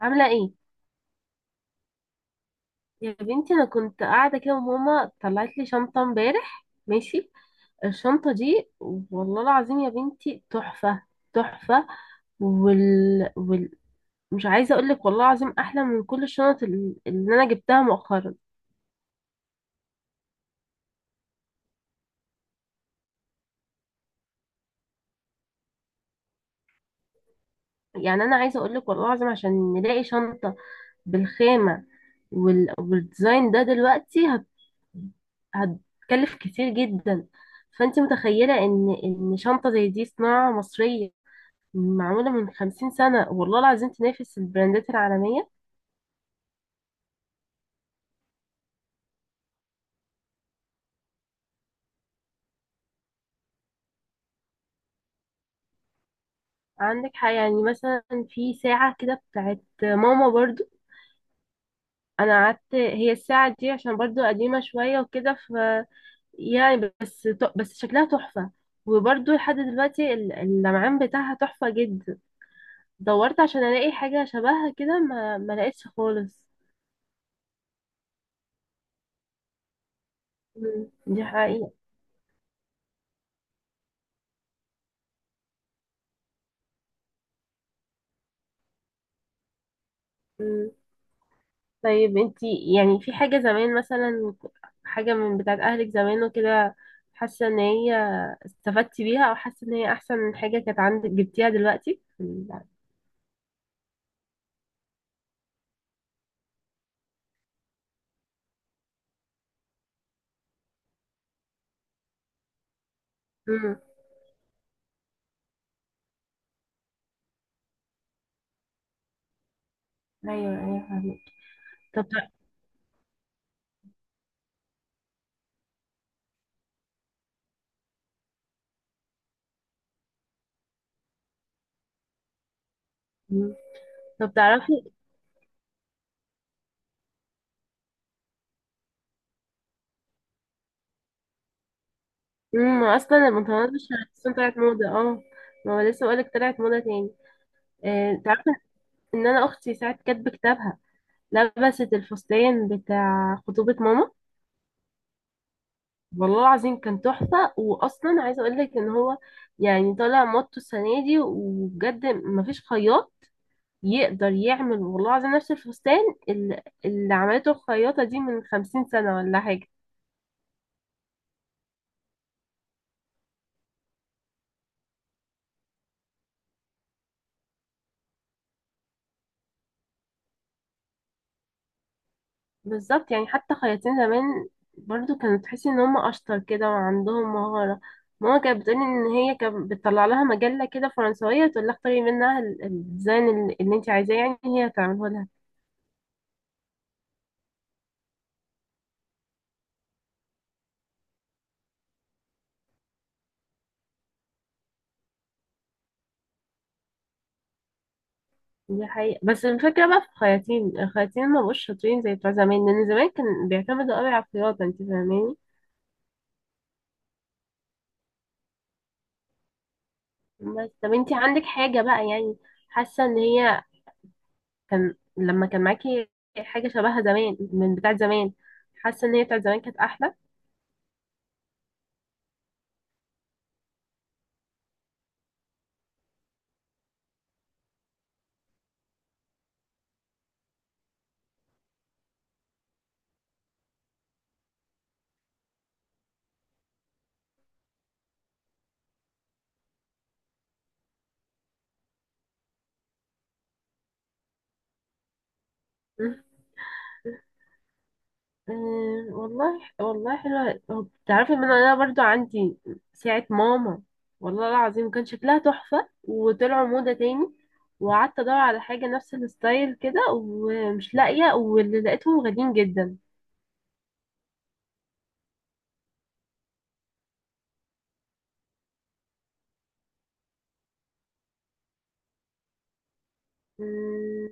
عاملة ايه؟ يا بنتي انا كنت قاعدة كده وماما طلعت لي شنطة امبارح ماشي. الشنطة دي والله العظيم يا بنتي تحفة تحفة. وال... وال... مش عايزة اقولك والله العظيم احلى من كل الشنط اللي انا جبتها مؤخرا. يعني انا عايزة اقولك والله العظيم عشان نلاقي شنطة بالخامة والديزاين ده دلوقتي هتكلف كتير جدا. فانت متخيلة ان شنطة زي دي صناعة مصرية معمولة من 50 سنة والله العظيم تنافس البراندات العالمية. عندك حاجة يعني مثلا، في ساعة كده بتاعت ماما برضو. أنا قعدت هي الساعة دي عشان برضو قديمة شوية وكده ف يعني بس شكلها تحفة. وبرضو لحد دلوقتي اللمعان بتاعها تحفة جدا. دورت عشان ألاقي حاجة شبهها كده ما لقيتش خالص. مم. دي حقيقة. طيب انتي يعني في حاجة زمان مثلا، حاجة من بتاعت أهلك زمان وكده، حاسة ان هي استفدتي بيها أو حاسة ان هي أحسن من حاجة كانت عندك جبتيها دلوقتي؟ أيوه أيوه فاهمك. طب تع- مم. طب تعرفي. أصلا البنطلونات مش. أصلا طلعت موضة اه. ما هو لسه بقولك طلعت موضة تاني. اه تعرفي ان أنا أختي ساعة كاتبة كتابها لبست الفستان بتاع خطوبة ماما. والله العظيم كان تحفة وأصلا عايزة أقول لك إن هو يعني طالع موضته السنة دي. وبجد مفيش خياط يقدر يعمل والله العظيم نفس الفستان اللي عملته الخياطة دي من 50 سنة ولا حاجة. بالظبط، يعني حتى خياطين زمان برضو كانوا تحسي إن هم أشطر كده وعندهم مهارة. ماما كانت بتقولي إن هي كانت بتطلع لها مجلة كده فرنسوية تقول لها اختاري منها الديزاين اللي انت عايزاه، يعني هي هتعمله. دي حقيقة. بس الفكرة بقى في الخياطين ما بقوش شاطرين زي بتوع زمان، لأن زمان كان بيعتمدوا قوي على الخياطة، انت فاهماني. بس طب انت عندك حاجة بقى يعني، حاسة ان هي كان لما كان معاكي حاجة شبهها زمان من بتاعة زمان، حاسة ان هي بتاعة زمان كانت أحلى؟ أه والله والله حلوة. هو تعرفي ان انا برضو عندي ساعة ماما، والله العظيم كان شكلها تحفة وطلعوا موضة تاني. وقعدت ادور على حاجة نفس الستايل كده ومش لاقية، واللي لقيتهم غاليين جدا. أمم،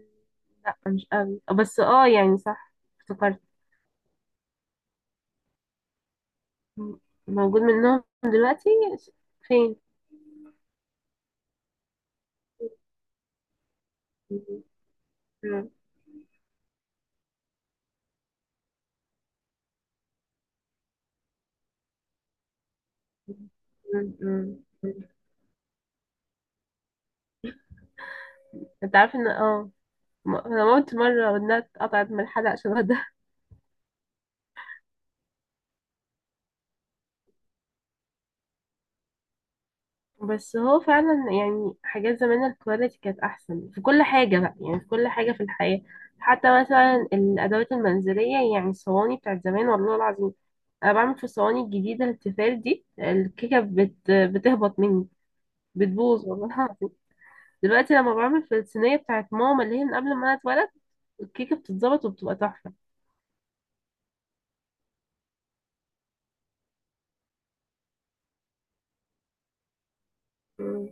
لا مش قوي بس اه يعني صح، افتكرت. م- موجود منهم دلوقتي فين؟ أمم، أمم، أمم. انت عارف ان انا موت مرة ودنها اتقطعت من الحلقة عشان. بس هو فعلا يعني حاجات زمان الكواليتي كانت احسن في كل حاجه بقى، يعني في كل حاجه في الحياه. حتى مثلا الادوات المنزليه، يعني الصواني بتاعت زمان والله العظيم، انا بعمل في الصواني الجديده التيفال دي الكيكه بتهبط مني، بتبوظ والله العظيم. دلوقتي لما بعمل في الصينيه بتاعت ماما اللي هي من قبل ما انا اتولد الكيكه بتتظبط وبتبقى تحفه. مم.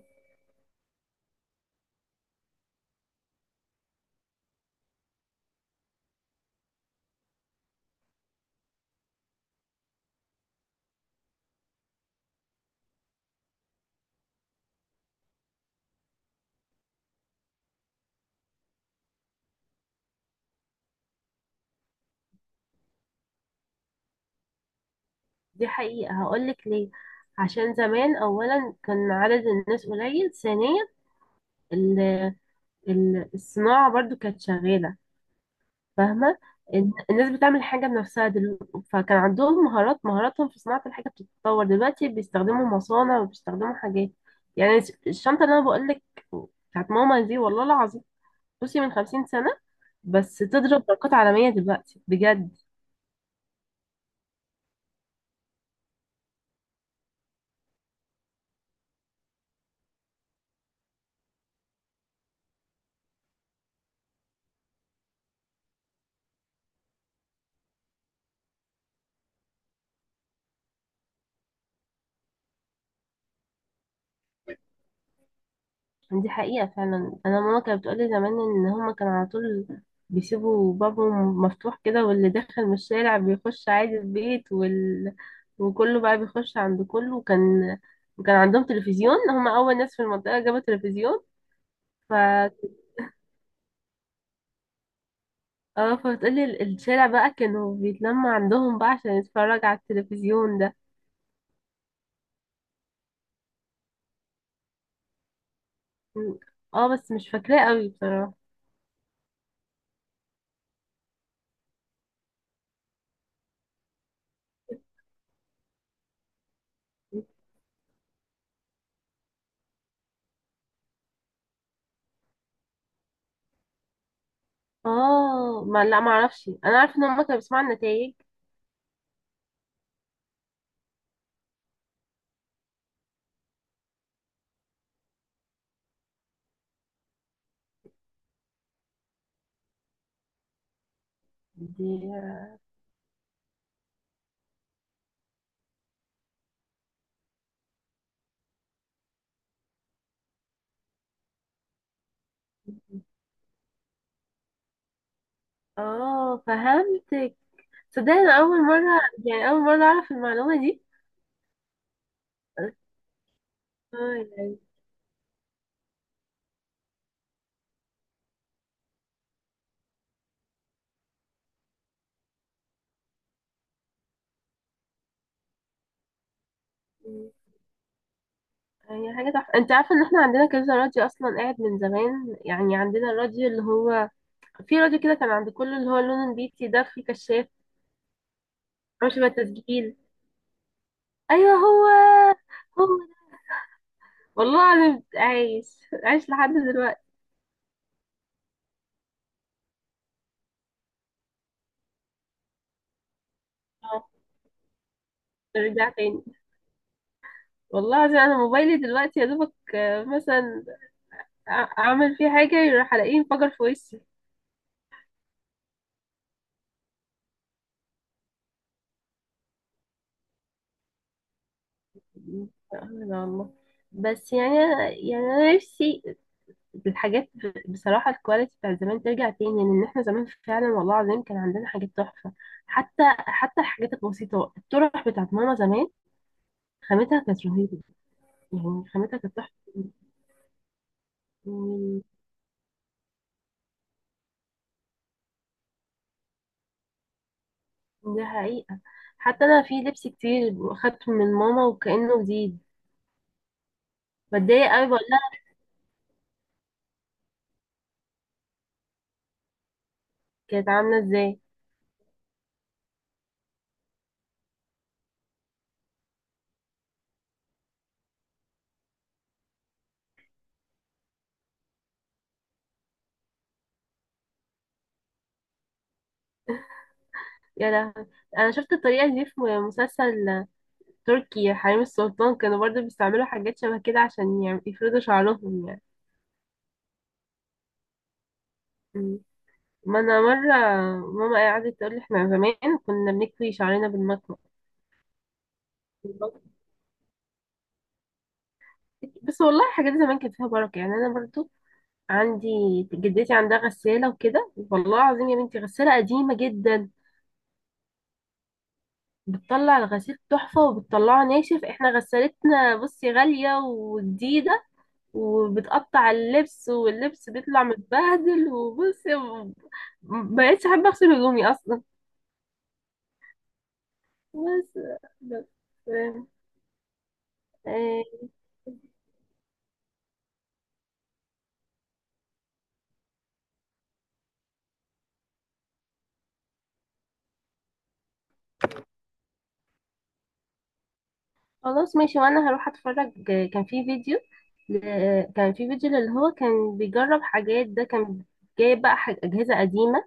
دي حقيقة. هقولك ليه. عشان زمان أولا كان عدد الناس قليل، ثانيا الصناعة برضو كانت شغالة، فاهمة. الناس بتعمل حاجة بنفسها، دلوقتي فكان عندهم مهاراتهم في صناعة الحاجة بتتطور. دلوقتي بيستخدموا مصانع وبيستخدموا حاجات. يعني الشنطة اللي أنا بقولك بتاعت ماما دي والله العظيم، بصي، من 50 سنة، بس تضرب برقات عالمية دلوقتي بجد. دي حقيقة فعلا. أنا ماما كانت بتقولي زمان إن هما كانوا على طول بيسيبوا بابهم مفتوح كده واللي داخل من الشارع بيخش عادي البيت، وكله بقى بيخش عند كله. وكان عندهم تلفزيون، هما أول ناس في المنطقة جابوا تلفزيون ف. اه فبتقولي الشارع بقى كانوا بيتلمع عندهم بقى عشان يتفرج على التلفزيون ده. اه بس مش فاكراه قوي بصراحة. اه ما لا ما اعرفش. انا عارفه ان هما كانوا بيسمعوا النتائج دي. اه فهمتك. صدقني انا اول مره، يعني اول مره اعرف المعلومه دي. قلت اه. يعني هي حاجه تحفه. انت عارفه ان احنا عندنا كذا راديو اصلا قاعد من زمان. يعني عندنا الراديو اللي هو، في راديو كده كان عند كله اللي هو لون بيتي ده في كشاف. هو شبه التسجيل. ايوه هو هو ده. والله العظيم عايش، عايش لحد دلوقتي. اه رجع تاني. والله العظيم انا موبايلي دلوقتي يا دوبك، مثلا اعمل فيه حاجه يروح الاقيه انفجر في وشي. سبحان الله. بس يعني يعني انا نفسي الحاجات، بصراحه، الكواليتي بتاع زمان ترجع تاني، لان احنا زمان فعلا والله العظيم كان عندنا حاجات تحفه. حتى الحاجات البسيطه، الطرح بتاعت ماما زمان خامتها كانت رهيبه، يعني خامتها كانت تحفه يعني. دي حقيقه. حتى انا في لبس كتير خدته من ماما وكانه جديد. بتضايق قوي بقول لها. كانت عامله ازاي؟ يا لهوي، انا شفت الطريقه دي في مسلسل تركي، حريم السلطان، كانوا برضو بيستعملوا حاجات شبه كده، عشان يعني يفردوا شعرهم يعني. مم. ما انا مرة ماما قعدت تقول لي احنا زمان كنا بنكوي شعرنا بالمكوى. بس والله حاجات زمان كانت فيها بركة. يعني انا برضو عندي، جدتي عندها غسالة وكده، والله العظيم يا بنتي غسالة قديمة جدا، بتطلع الغسيل تحفة وبتطلعه ناشف. احنا غسالتنا، بصي، غالية وجديدة وبتقطع اللبس، واللبس بيطلع متبهدل، وبصي مبقتش احب اغسل هدومي اصلا. بس بس آه، خلاص ماشي وانا هروح اتفرج. كان في فيديو ل- كان في فيديو اللي هو كان بيجرب حاجات ده. كان جايب بقى اجهزه قديمه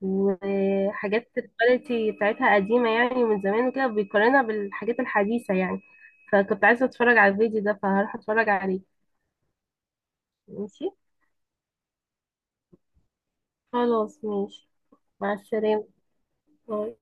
وحاجات الكواليتي بتاعتها قديمه يعني من زمان، وكده بيقارنها بالحاجات الحديثه يعني. فكنت عايزه اتفرج على الفيديو ده فهروح اتفرج عليه. ماشي. خلاص ماشي. مع السلامة. باي.